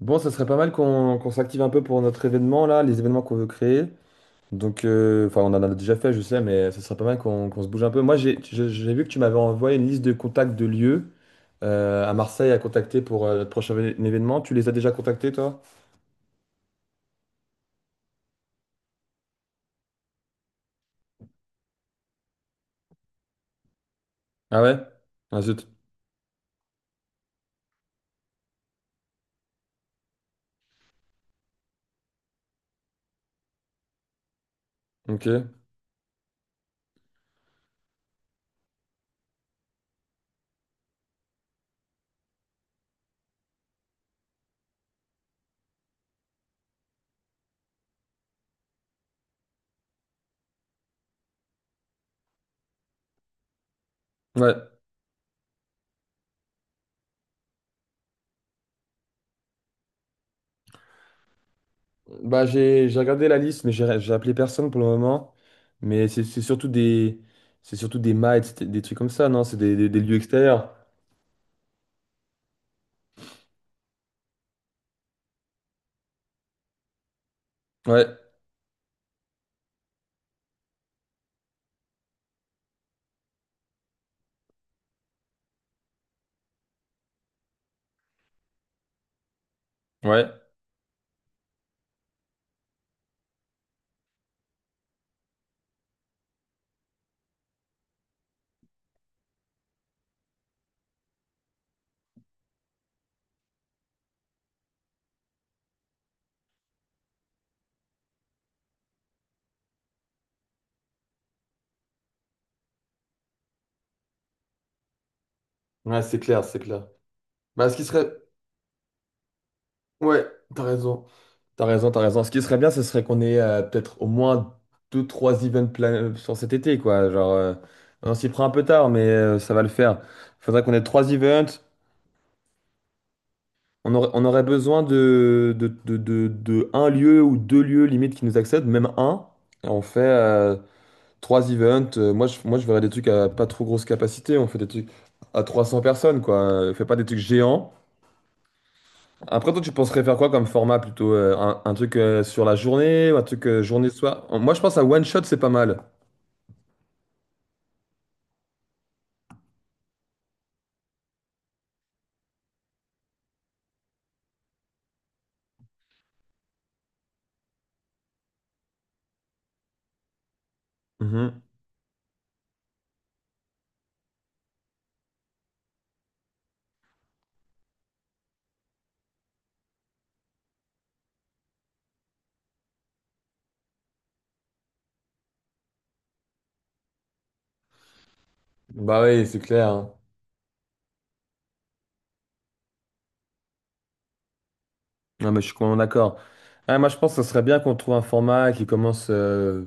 Bon, ça serait pas mal qu'on s'active un peu pour notre événement là, les événements qu'on veut créer. Donc, on en a déjà fait, je sais, mais ça serait pas mal qu'on se bouge un peu. Moi, j'ai vu que tu m'avais envoyé une liste de contacts de lieux à Marseille à contacter pour notre prochain événement. Tu les as déjà contactés, toi? Ah ouais? Ah zut. Ok. Ouais. Bah, j'ai regardé la liste, mais j'ai appelé personne pour le moment. Mais c'est surtout des c'est surtout des mites, des trucs comme ça, non? C'est des, des lieux extérieurs. Ouais. Ouais. Ouais, c'est clair, c'est clair. Bah, ce qui serait. Ouais, t'as raison. T'as raison, t'as raison. Ce qui serait bien, ce serait qu'on ait peut-être au moins deux, trois events plan sur cet été, quoi. Genre, on s'y prend un peu tard, mais ça va le faire. Faudrait qu'on ait trois events. On aurait besoin de un lieu ou deux lieux limite qui nous accèdent, même un. Et on fait trois events. Moi, je verrais des trucs à pas trop grosse capacité. On fait des trucs à 300 personnes, quoi. Fais pas des trucs géants. Après, toi, tu penserais faire quoi comme format plutôt? Un truc sur la journée ou un truc journée-soir? Moi, je pense à one shot, c'est pas mal. Mhm. Bah oui, c'est clair, hein. Ah, mais je suis complètement d'accord. Ah, moi, je pense que ce serait bien qu'on trouve un format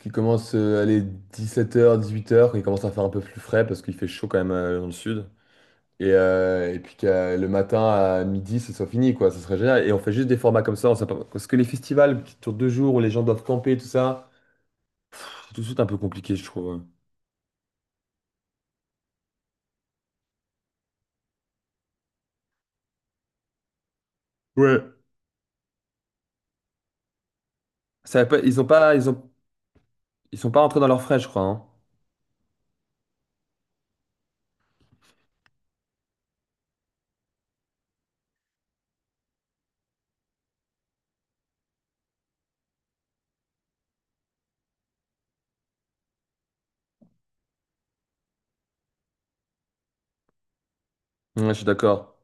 qui commence 17h, 18h, qui commence à faire un peu plus frais parce qu'il fait chaud quand même dans le sud. Et puis que le matin à midi, ce soit fini, quoi. Ce serait génial. Et on fait juste des formats comme ça. On sait pas. Parce que les festivals qui durent deux jours où les gens doivent camper, tout ça, c'est tout de suite un peu compliqué, je trouve. Ouais. Ça va pas- ils sont pas rentrés dans leurs frais, je crois, hein. Ouais, je suis d'accord.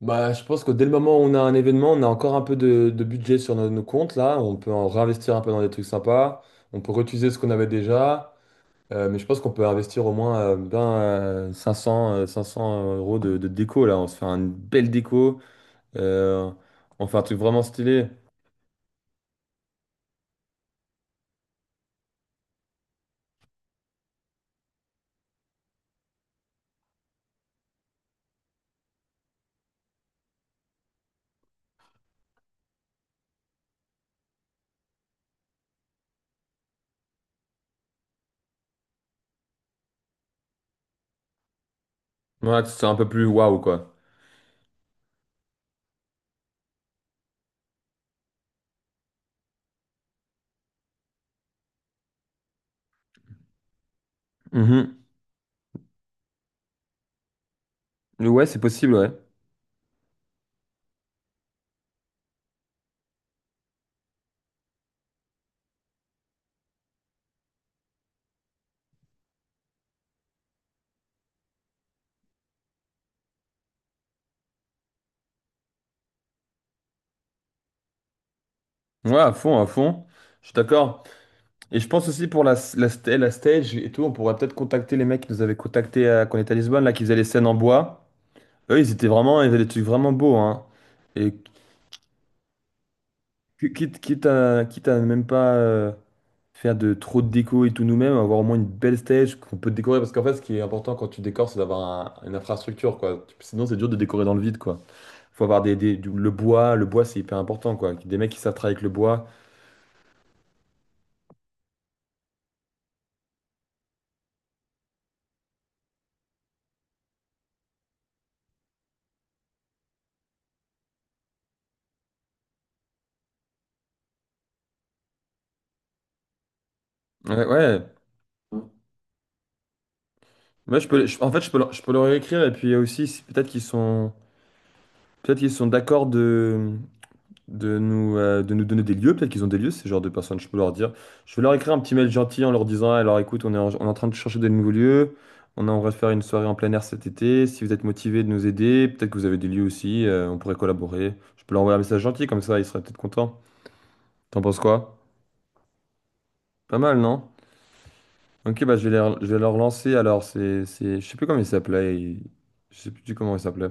Bah, je pense que dès le moment où on a un événement, on a encore un peu de budget sur nos comptes là. On peut en réinvestir un peu dans des trucs sympas. On peut réutiliser ce qu'on avait déjà. Mais je pense qu'on peut investir au moins 500 euros de déco là. On se fait une belle déco. Euh, on fait un truc vraiment stylé. Ouais, que ce soit un peu plus waouh quoi. Mhm. Ouais, c'est possible, ouais. Ouais, à fond, à fond. Je suis d'accord. Et je pense aussi pour la stage et tout, on pourrait peut-être contacter les mecs qui nous avaient contactés quand on était à Lisbonne, là, qui faisaient les scènes en bois. Eux, ils étaient vraiment, ils avaient des trucs vraiment beaux, hein. Et quitte à même pas faire de trop de déco et tout nous-mêmes, avoir au moins une belle stage qu'on peut décorer. Parce qu'en fait, ce qui est important quand tu décores, c'est d'avoir un- une infrastructure, quoi. Sinon, c'est dur de décorer dans le vide, quoi. Faut avoir le bois, c'est hyper important, quoi. Des mecs qui savent travailler avec le bois. Ouais, ouais. Moi, je peux, je peux leur écrire et puis aussi, si- peut-être qu'ils sont. Peut-être qu'ils sont d'accord de nous donner des lieux. Peut-être qu'ils ont des lieux, ces genres de personnes. Je peux leur dire. Je vais leur écrire un petit mail gentil en leur disant, alors écoute, on est en train de chercher des nouveaux lieux. On aimerait faire une soirée en plein air cet été. Si vous êtes motivé de nous aider, peut-être que vous avez des lieux aussi. On pourrait collaborer. Je peux leur envoyer un message gentil, comme ça, ils seraient peut-être contents. T'en penses quoi? Pas mal, non? Ok, bah je vais leur lancer. Alors, je sais plus comment il s'appelait. Ils- Je sais plus du comment il s'appelait.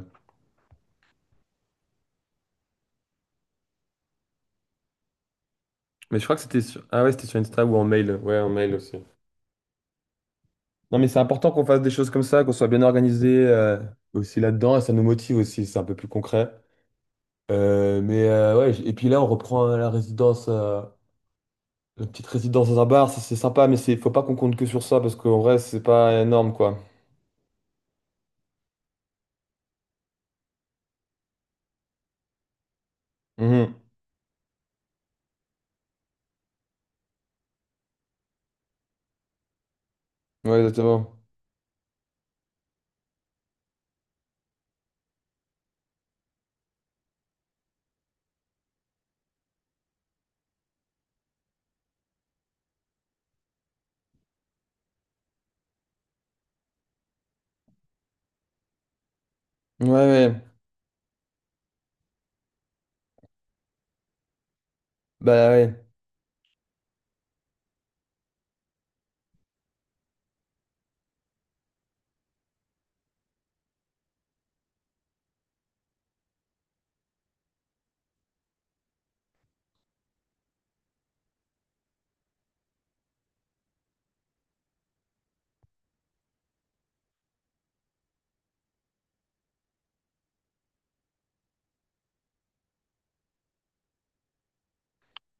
Mais je crois que c'était sur... Ah ouais, c'était sur Insta ou en mail. Ouais, en mail aussi. Non, mais c'est important qu'on fasse des choses comme ça, qu'on soit bien organisé aussi là-dedans, et ça nous motive aussi, c'est un peu plus concret. Ouais, j- et puis là, on reprend la résidence, la petite résidence dans un bar, ça, c'est sympa, mais c'est, faut pas qu'on compte que sur ça, parce qu'en vrai, c'est pas énorme, quoi. Mhm. Ouais, exactement. Ouais, ouais. Bah ouais.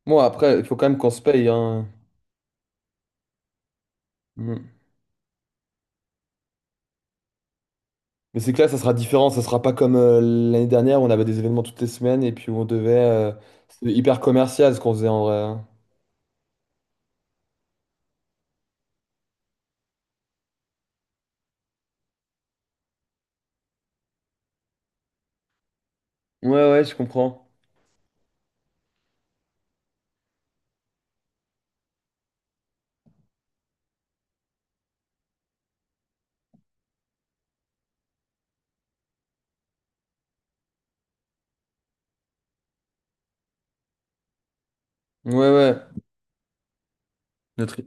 Bon, après, il faut quand même qu'on se paye, hein. Mhm. Mais c'est que là, ça sera différent, ça sera pas comme l'année dernière, où on avait des événements toutes les semaines, et puis où on devait... C'était hyper commercial, ce qu'on faisait en vrai, hein. Ouais, ouais, je comprends. Ouais, ouais. Notre-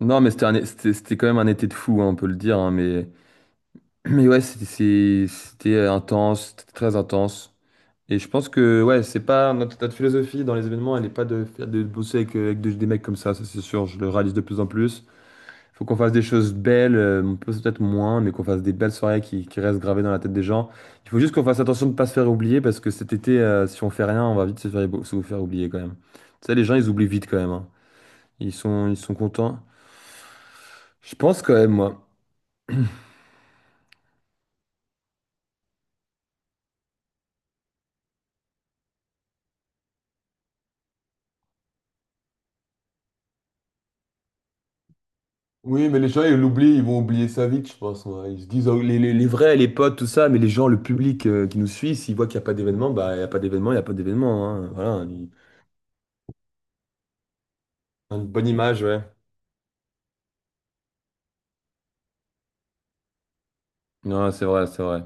Non, mais c'était un... é- c'était quand même un été de fou, hein, on peut le dire, hein, mais... mais ouais, c'était intense, c'était très intense. Et je pense que ouais, c'est pas notre philosophie dans les événements, elle n'est pas de, faire- de bosser avec, avec de- des mecs comme ça c'est sûr, je le réalise de plus en plus. Faut qu'on fasse des choses belles, on peut peut-être moins, mais qu'on fasse des belles soirées qui restent gravées dans la tête des gens. Il faut juste qu'on fasse attention de ne pas se faire oublier parce que cet été, si on fait rien, on va vite se faire oublier quand même. Tu sais, les gens, ils oublient vite quand même, hein. Ils sont contents. Je pense quand même, moi. Oui, mais les gens, ils l'oublient, ils vont oublier ça vite, je pense, ouais. Ils se disent, oh, les vrais, les potes, tout ça, mais les gens, le public qui nous suit, s'ils voient qu'il n'y a pas d'événement, bah, il n'y a pas d'événement, il n'y a pas d'événement, hein. Voilà, une bonne image, ouais. Non, c'est vrai, c'est vrai.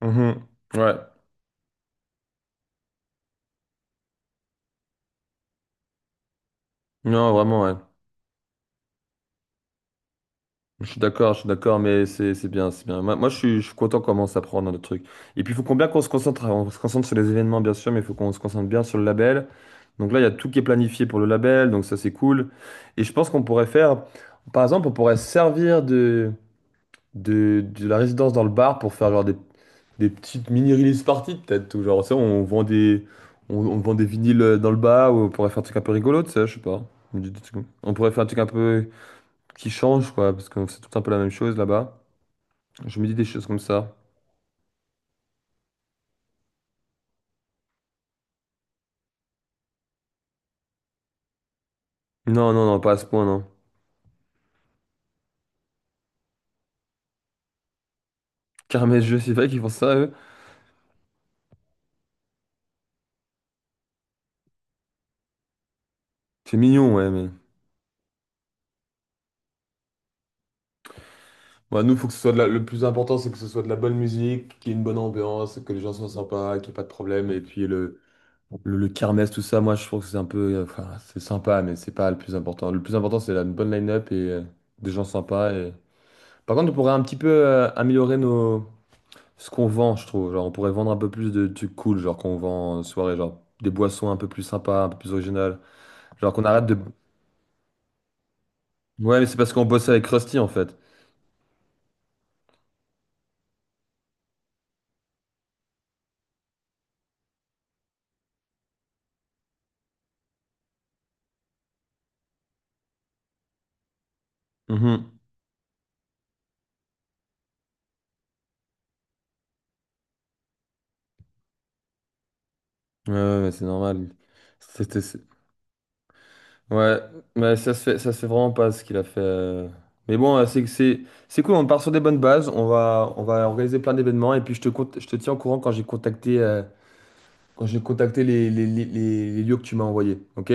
Mhm. Ouais. Non, vraiment, ouais. Je suis d'accord, mais c'est bien, c'est bien. Je suis content comment ça prend dans le truc. Et puis, il faut qu'on se concentre, on se concentre sur les événements, bien sûr, mais il faut qu'on se concentre bien sur le label. Donc là, il y a tout qui est planifié pour le label, donc ça, c'est cool. Et je pense qu'on pourrait faire, par exemple, on pourrait servir de la résidence dans le bar pour faire genre des petites mini-release parties, peut-être, ou genre, tu sais, on vend on vend des vinyles dans le bar, ou on pourrait faire un truc un peu rigolo, tu sais, je sais pas. On dit des trucs comme- on pourrait faire un truc un peu qui change, quoi, parce que c'est tout un peu la même chose là-bas. Je me dis des choses comme ça. Non, non, non, pas à ce point, non. Caramel jeux c'est vrai qu'ils font ça, eux. C'est mignon, ouais, mais. Bah, nous, faut que ce soit de la- le plus important, c'est que ce soit de la bonne musique, qu'il y ait une bonne ambiance, que les gens soient sympas, qu'il n'y ait pas de problème. Et puis le kermesse, tout ça, moi, je trouve que c'est un peu. Enfin, c'est sympa, mais c'est pas le plus important. Le plus important, c'est la une bonne line-up et des gens sympas. Et... Par contre, on pourrait un petit peu améliorer ce qu'on vend, je trouve. Genre, on pourrait vendre un peu plus de trucs cool, genre qu'on vend en soirée, genre des boissons un peu plus sympas, un peu plus originales. Genre qu'on arrête de. Ouais, mais c'est parce qu'on bosse avec Krusty en fait. Mhm. Ouais, ouais, mais c'est normal. C'était. C'est- Ouais, mais ça se fait vraiment pas ce qu'il a fait. Mais bon, c'est que c'est cool, on part sur des bonnes bases, on va organiser plein d'événements et puis je te tiens au courant quand j'ai contacté les lieux que tu m'as envoyés, ok?